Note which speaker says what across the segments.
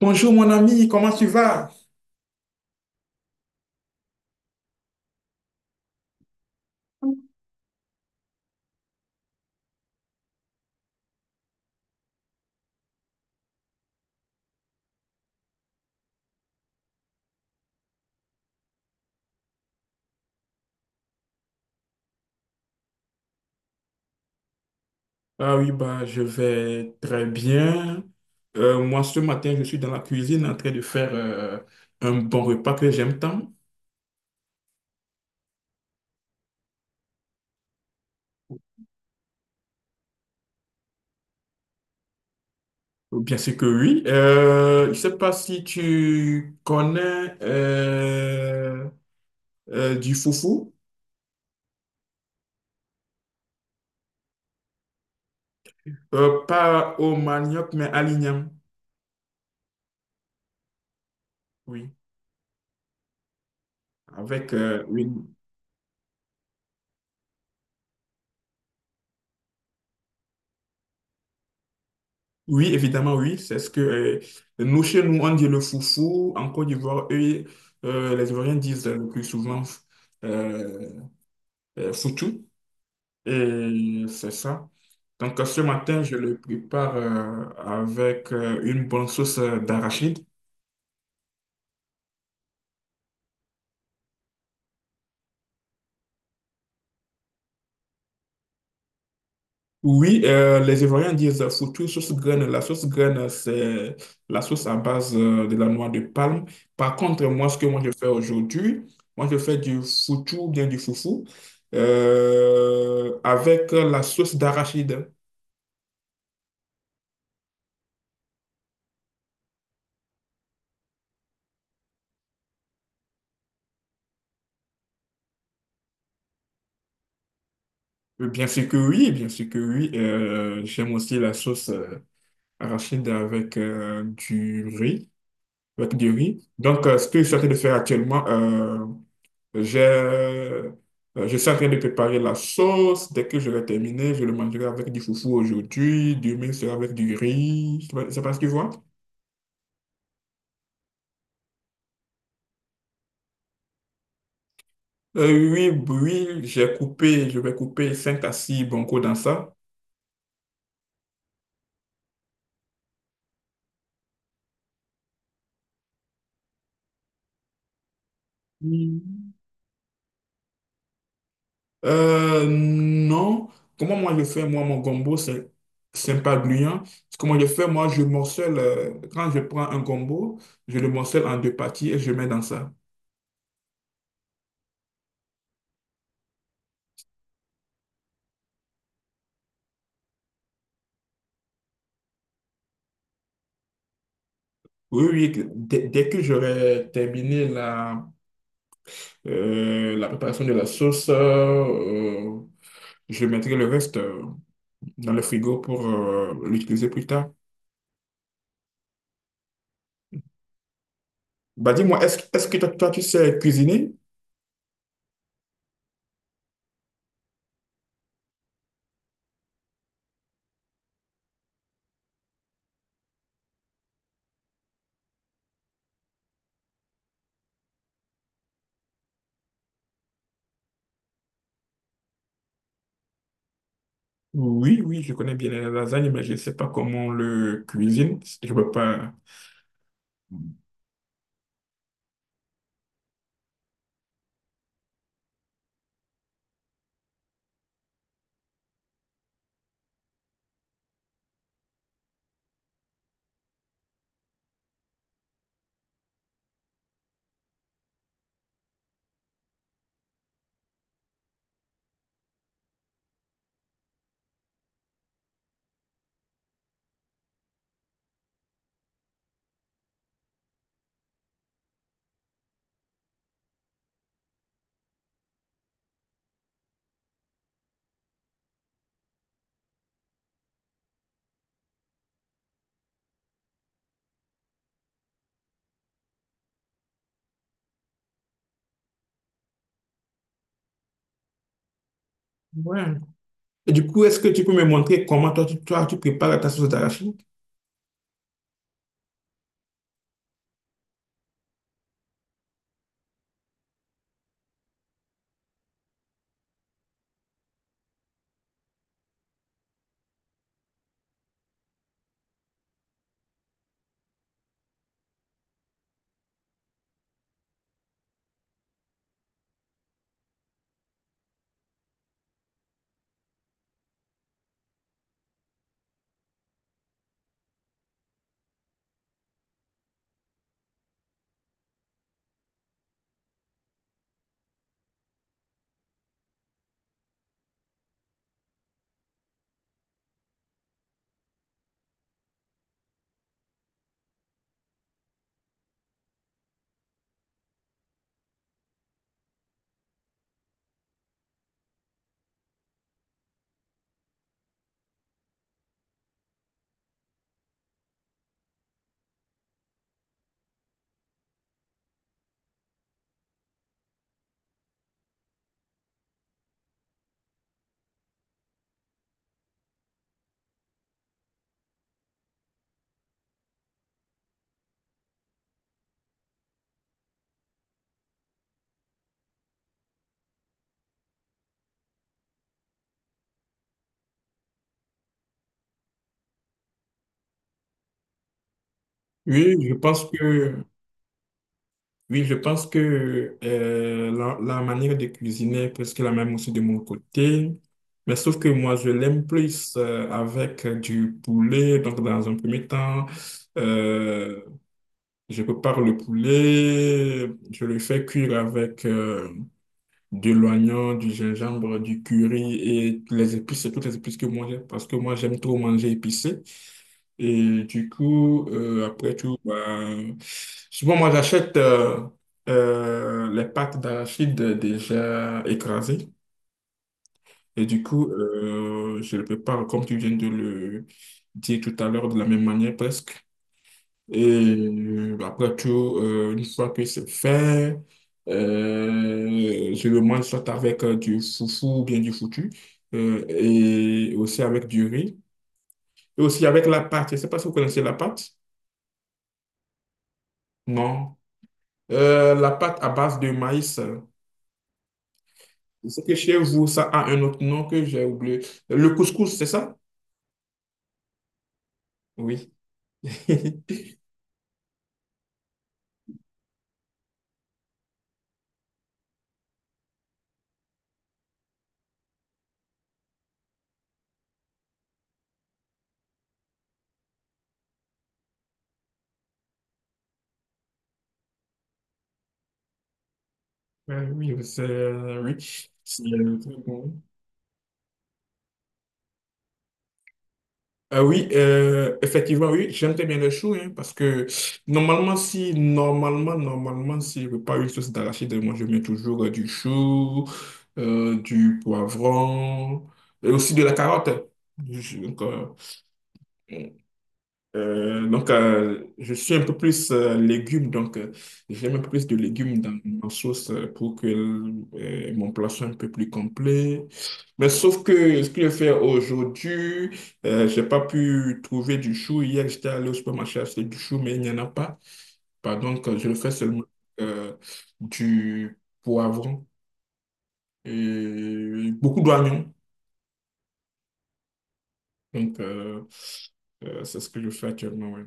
Speaker 1: Bonjour mon ami, comment tu vas? Ah oui, bah, je vais très bien. Moi, ce matin, je suis dans la cuisine en train de faire un bon repas que j'aime tant. Bien sûr que oui. Je ne sais pas si tu connais du foufou. Pas au manioc, mais à l'igname. Oui, avec, oui. Oui, évidemment, oui. C'est ce que nous, chez nous, on dit le foufou. En Côte d'Ivoire, eux, les Ivoiriens disent le plus souvent euh, foutu. Et c'est ça. Donc, ce matin, je le prépare avec une bonne sauce d'arachide. Oui, les Ivoiriens disent surtout sauce graine. La sauce graine, c'est la sauce à base de la noix de palme. Par contre, moi, ce que moi je fais aujourd'hui, moi je fais du foutou, bien du foufou, avec la sauce d'arachide. Bien sûr que oui, bien sûr que oui. J'aime aussi la sauce arachide avec du riz, avec du riz. Donc, ce que je suis en train de faire actuellement, J'ai, euh, je suis en train de préparer la sauce. Dès que je l'ai terminée, je le mangerai avec du foufou aujourd'hui. Demain, c'est avec du riz. C'est pas ce que tu vois? Oui, oui, j'ai coupé, je vais couper 5 à six boncos dans ça. Mm. Non. Comment moi je fais, moi, mon gombo, c'est pas gluant. Comment je fais, moi, je morcelle, quand je prends un gombo, je le morcelle en deux parties et je mets dans ça. Oui, oui, dès que j'aurai terminé la la préparation de la sauce, je mettrai le reste dans le frigo pour l'utiliser plus tard. Bah dis-moi, est-ce que toi, toi, tu sais cuisiner? Oui, oui, je connais bien les lasagnes, mais je ne sais pas comment on le cuisine. Je ne peux pas. Ouais. Et du coup, est-ce que tu peux me montrer comment toi, tu prépares ta sauce d'arachide? Oui, je pense que, oui, je pense que la, la manière de cuisiner est presque la même aussi de mon côté. Mais sauf que moi, je l'aime plus avec du poulet. Donc, dans un premier temps, euh, je prépare le poulet. Je le fais cuire avec de l'oignon, du gingembre, du curry et les épices, toutes les épices que moi j'aime. Parce que moi, j'aime trop manger épicé. Et du coup, après tout, bah, souvent moi j'achète les pâtes d'arachide déjà écrasées. Et du coup, je le prépare comme tu viens de le dire tout à l'heure, de la même manière presque. Et après tout, une fois que c'est fait, je le mange soit avec du foufou ou bien du foutu, et aussi avec du riz, et aussi avec la pâte. Je ne sais pas si vous connaissez la pâte. Non. La pâte à base de maïs. C'est que chez vous, ça a un autre nom que j'ai oublié. Le couscous, c'est ça? Oui. Oui. C'est très bon. Oui, effectivement, oui, j'aime très bien le chou, hein, parce que normalement, si je veux pas une sauce d'arachide, moi, je mets toujours du chou, du poivron, et aussi de la carotte. Je- donc, euh, donc, je suis un peu plus légumes, donc j'aime un peu plus de légumes dans ma sauce pour que mon plat soit un peu plus complet. Mais sauf que ce que je fais aujourd'hui, j'ai pas pu trouver du chou. Hier, j'étais allé au supermarché acheter du chou, mais il n'y en a pas. Bah, donc, je le fais seulement euh, du poivron et beaucoup d'oignons. Donc, c'est ce que je fais actuellement, ouais.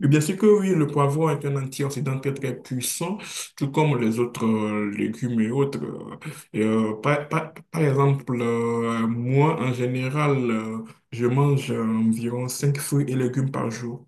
Speaker 1: Oui, bien sûr que oui, le poivron est un antioxydant très très puissant, tout comme les autres légumes et autres. Et, par, par- par exemple, moi, en général, je mange environ 5 fruits et légumes par jour.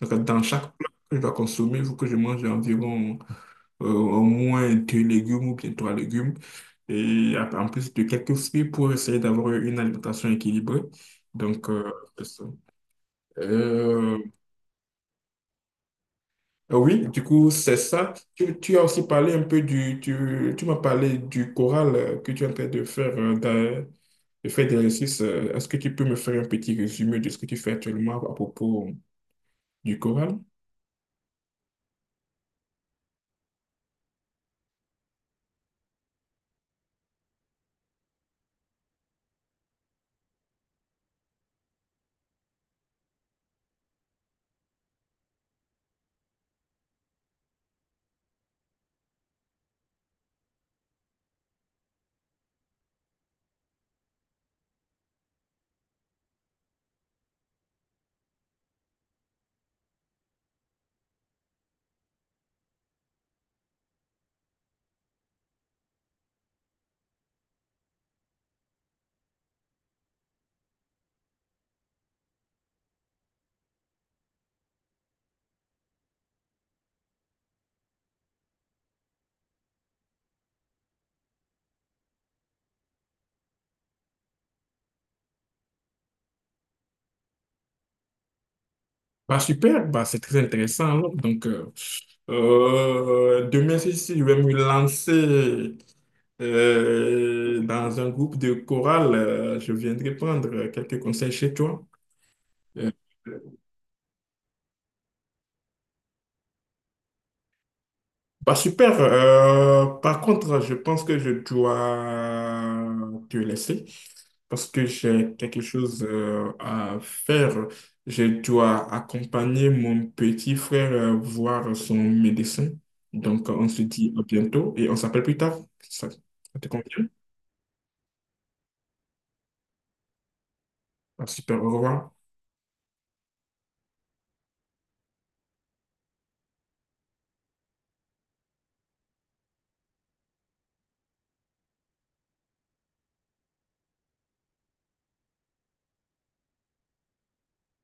Speaker 1: Donc, dans chaque plat que je dois consommer, il faut que je mange environ au moins 2 légumes ou bien 3 légumes. En plus de quelques fruits pour essayer d'avoir une alimentation équilibrée. Donc, c'est ça. Euh, Ah oui, du coup, c'est ça. Tu as aussi parlé un peu du, tu m'as parlé du choral que tu es en train de faire, de faire des exercices. Est-ce que tu peux me faire un petit résumé de ce que tu fais actuellement à propos du choral? Bah, super, bah, c'est très intéressant, alors. Donc, demain, si, si, je vais me lancer dans un groupe de chorale, je viendrai prendre quelques conseils chez toi. Euh, Bah super. Par contre, je pense que je dois te laisser parce que j'ai quelque chose à faire. Je dois accompagner mon petit frère voir son médecin. Donc, on se dit à bientôt et on s'appelle plus tard. Ça te convient? Ah, super, au revoir.